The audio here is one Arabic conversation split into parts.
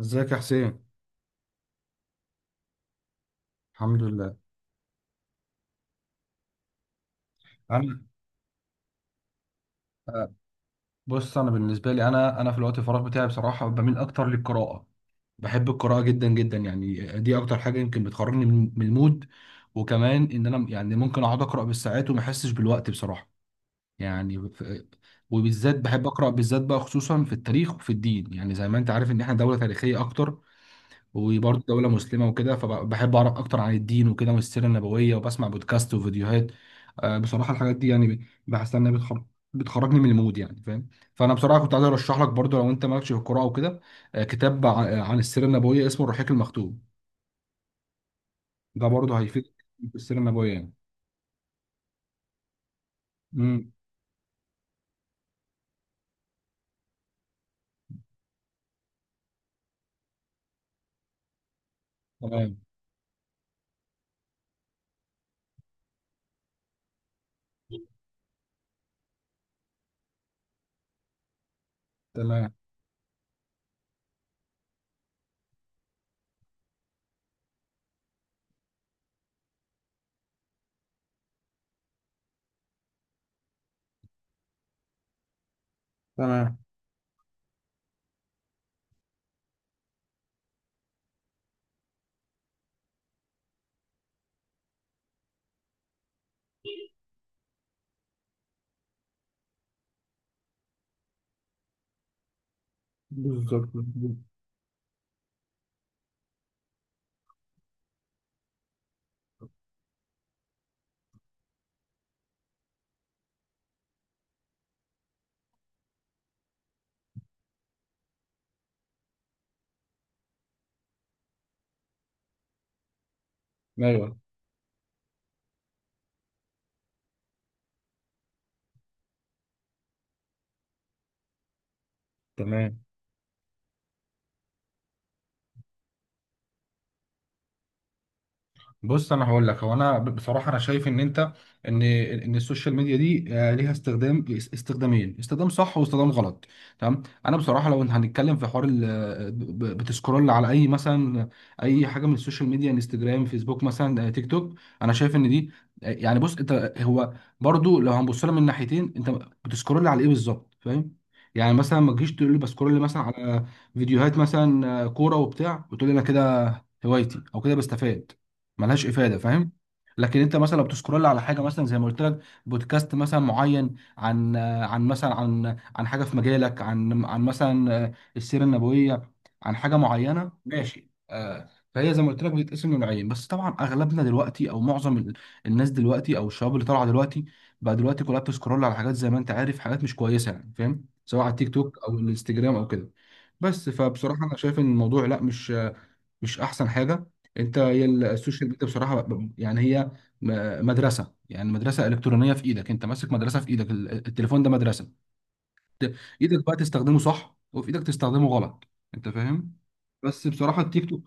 ازيك يا حسين؟ الحمد لله. انا آه، بص، انا بالنسبه لي، انا في الوقت الفراغ بتاعي بصراحه بميل اكتر للقراءه. بحب القراءه جدا جدا يعني. دي اكتر حاجه يمكن بتخرجني من المود. وكمان ان انا يعني ممكن اقعد اقرا بالساعات وما احسش بالوقت بصراحه يعني. وبالذات بحب اقرا بالذات بقى، خصوصا في التاريخ وفي الدين، يعني زي ما انت عارف ان احنا دوله تاريخيه اكتر، وبرضه دولة مسلمة وكده، فبحب أعرف أكتر عن الدين وكده والسيرة النبوية، وبسمع بودكاست وفيديوهات. بصراحة الحاجات دي يعني بحس إنها بتخرجني من المود، يعني فاهم. فأنا بصراحة كنت عايز أرشح لك برضه، لو أنت مالكش في القراءة وكده، كتاب عن السيرة النبوية اسمه الرحيق المختوم. ده برضه هيفيدك في السيرة النبوية يعني. امم تمام. تمام. تمام. بالظبط. ايوه. تمام. بص، انا هقول لك، هو انا بصراحه انا شايف ان انت، ان السوشيال ميديا دي، ليها استخدام، استخدامين، استخدام صح واستخدام غلط. تمام. انا بصراحه لو هنتكلم في حوار، بتسكرول على اي مثلا، اي حاجه من السوشيال ميديا، انستجرام، فيسبوك مثلا، تيك توك. انا شايف ان دي، يعني بص، انت هو برضو لو هنبص لها من ناحيتين، انت بتسكرول على ايه بالظبط، فاهم؟ يعني مثلا ما تجيش تقول لي بسكرول مثلا على فيديوهات مثلا كوره وبتاع، وتقول لي انا كده هوايتي او كده بستفاد. ملهاش افاده، فاهم؟ لكن انت مثلا لو بتسكرول على حاجه، مثلا زي ما قلت لك، بودكاست مثلا معين، عن مثلا، عن حاجه في مجالك، عن مثلا السيره النبويه، عن حاجه معينه، ماشي، فهي زي ما قلت لك بتتقسم لنوعين. بس طبعا اغلبنا دلوقتي، او معظم الناس دلوقتي، او الشباب اللي طالعه دلوقتي بقى دلوقتي، كلها بتسكرول على حاجات زي ما انت عارف، حاجات مش كويسه، يعني فاهم، سواء على التيك توك او الانستجرام او كده. بس فبصراحه انا شايف ان الموضوع، لا، مش احسن حاجه. انت، هي السوشيال ميديا بصراحه يعني هي مدرسه، يعني مدرسه الكترونيه في ايدك، انت ماسك مدرسه في ايدك، التليفون ده مدرسه. ت- ايدك بقى تستخدمه صح، وفي ايدك تستخدمه غلط، انت فاهم. بس بصراحة التيك توك،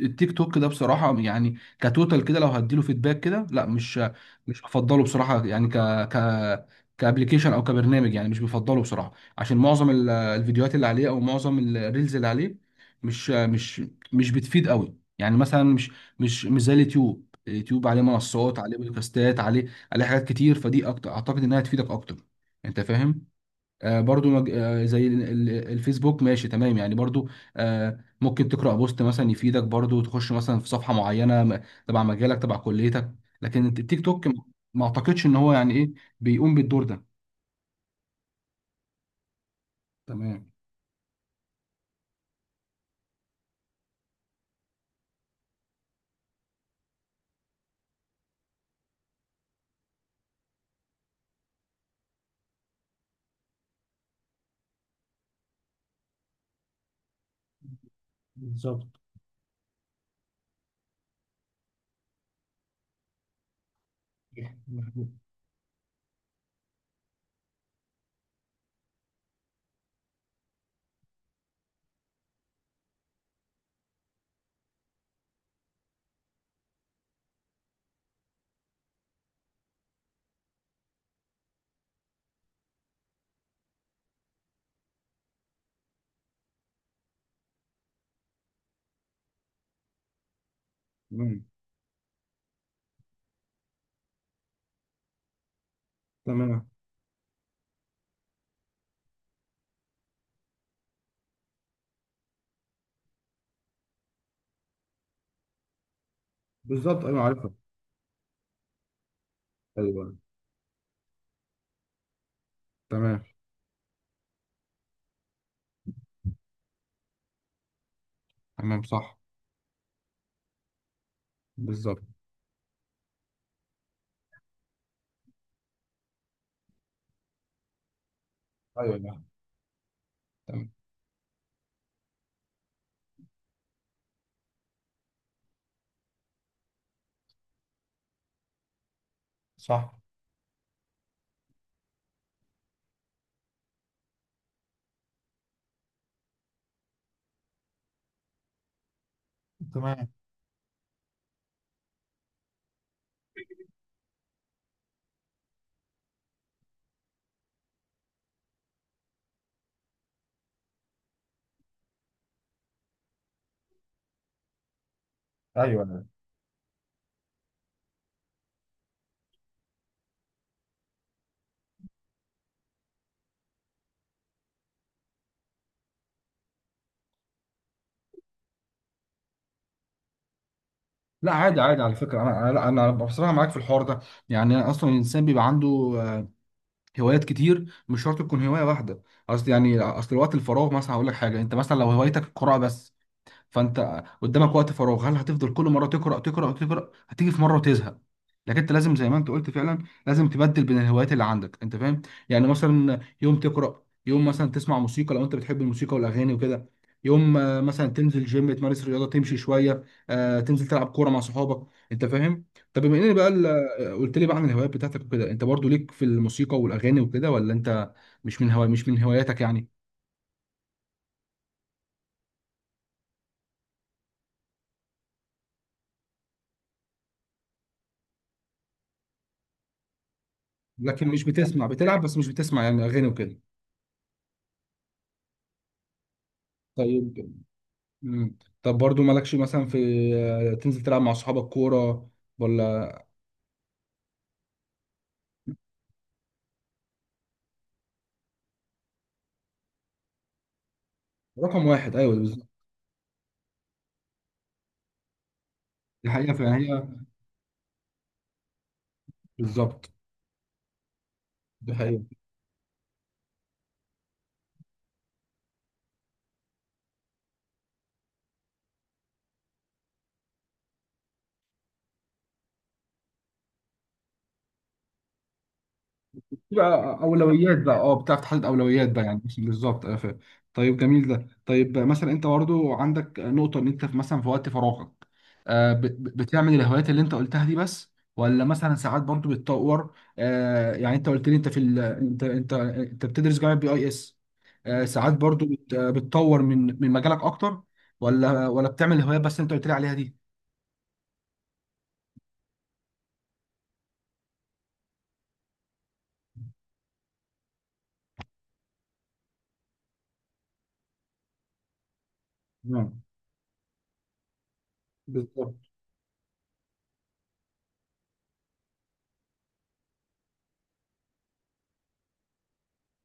التيك توك ده بصراحة يعني كتوتال كده، لو هديله فيدباك كده، لا، مش هفضله بصراحة، يعني ك، ك، كابلكيشن او كبرنامج، يعني مش بفضله بصراحة. عشان معظم الفيديوهات اللي عليه، او معظم الريلز اللي عليه، مش مش مش بتفيد قوي، يعني مثلا مش زي اليوتيوب عليه منصات، عليه بودكاستات، عليه حاجات كتير، فدي اكتر اعتقد انها تفيدك اكتر، انت فاهم. برضو زي الفيسبوك، ماشي تمام يعني برضو ممكن تقرأ بوست مثلا يفيدك، برضو تخش مثلا في صفحة معينة تبع مجالك، تبع كليتك. لكن التيك توك، ما اعتقدش ان هو يعني ايه بيقوم بالدور ده. تمام. بالظبط. مظبوط. تمام. تمام. بالظبط. ايوه عارفها. ايوه. تمام. تمام صح. بالظبط. ايوه. لا. تمام صح. تمام. ايوه. أيوة. لا، عادي عادي، على فكره، انا انا أنا بصراحه معاك في الحوار ده. يعني أنا اصلا الانسان بيبقى عنده آه، هوايات كتير، مش شرط تكون هوايه واحده. اصل يعني، اصل وقت الفراغ مثلا، هقول لك حاجه، انت مثلا لو هوايتك القراءه بس، فانت قدامك وقت فراغ، هل هتفضل كل مره تقرا تقرا تقرا؟ هتيجي في مره وتزهق. لكن انت لازم زي ما انت قلت فعلا، لازم تبدل بين الهوايات اللي عندك، انت فاهم. يعني مثلا يوم تقرا، يوم مثلا تسمع موسيقى لو انت بتحب الموسيقى والاغاني وكده، يوم مثلا تنزل جيم تمارس رياضه تمشي شويه، تنزل تلعب كوره مع صحابك، انت فاهم. طب بما ان بقى قلت لي بقى عن الهوايات بتاعتك وكده، انت برضو ليك في الموسيقى والاغاني وكده، ولا انت مش من هواياتك يعني؟ لكن مش بتسمع، بتلعب بس مش بتسمع يعني اغاني وكده. طيب. مم. طب برضو مالكش مثلا في تنزل تلعب مع صحابك كورة، ولا؟ رقم واحد، ايوه، بالظبط. دي حقيقة، فهي بالظبط. دي حقيقة. يبقى اولويات بقى، اه، بتعرف تحدد اولويات بقى، يعني مش بالظبط، طيب جميل ده. طيب، مثلا انت برضو عندك نقطه، ان انت مثلا في وقت فراغك، بتعمل الهوايات اللي انت قلتها دي بس، ولا مثلا ساعات برضو بتطور؟ يعني انت قلت لي انت في ال... انت بتدرس جامعه بي اي اس، ساعات برضو بت... آه، بتطور من مجالك اكتر؟ ولا بتعمل الهوايات بس اللي انت قلت لي عليها دي؟ نعم. بالظبط.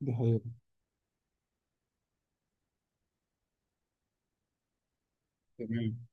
ده حقيقي. تمام.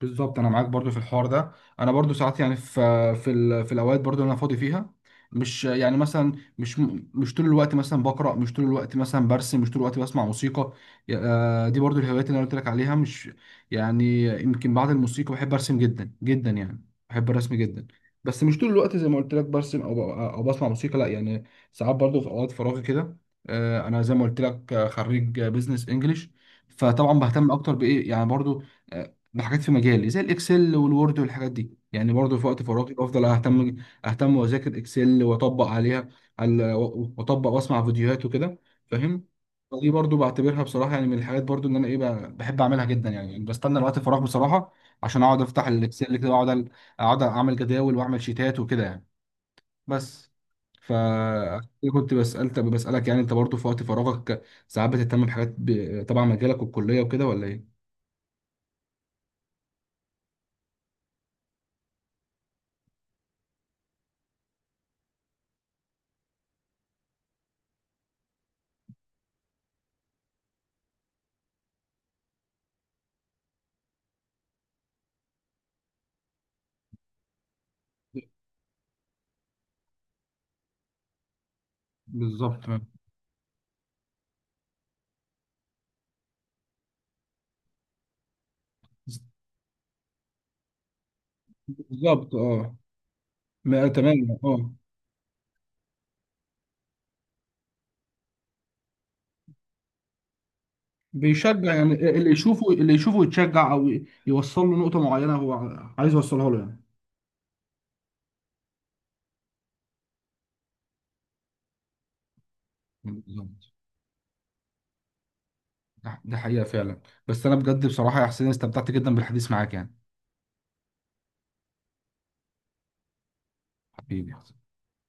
بالظبط، انا معاك برضو في الحوار ده. انا برضو ساعات يعني في في في الاوقات برضو اللي انا فاضي فيها، مش يعني مثلا، مش مش طول الوقت مثلا بقرا، مش طول الوقت مثلا برسم، مش طول الوقت بسمع موسيقى. دي برضو الهوايات اللي انا قلت لك عليها، مش يعني، يمكن بعد الموسيقى بحب ارسم جدا جدا، يعني بحب الرسم جدا، بس مش طول الوقت زي ما قلت لك برسم، او بسمع موسيقى، لا يعني. ساعات برضو في اوقات فراغي كده، انا زي ما قلت لك خريج بزنس انجلش، فطبعا بهتم اكتر بايه، يعني برضو بحاجات في مجالي زي الاكسل والوورد والحاجات دي، يعني برضه في وقت فراغي بفضل اهتم واذاكر اكسل واطبق عليها، على- واطبق واسمع فيديوهات وكده، فاهم. فدي برضه بعتبرها بصراحه يعني من الحاجات، برضه ان انا ايه، بحب اعملها جدا يعني، يعني بستنى الوقت الفراغ بصراحه عشان اقعد افتح الاكسل كده، واقعد اقعد اعمل جداول واعمل شيتات وكده يعني. بس ف، كنت بسالك يعني، انت برضه في وقت فراغك ساعات بتهتم بحاجات تبع مجالك والكليه وكده، ولا ايه؟ بالظبط. بالظبط اه. ما اتمنى اه. بيشجع يعني اللي يشوفه، اللي يشوفه يتشجع او يوصل له نقطة معينة هو عايز يوصلها له يعني. بالظبط. ده حقيقة فعلا. بس انا بجد بصراحة يا حسين استمتعت جدا بالحديث معاك يعني. حبيبي.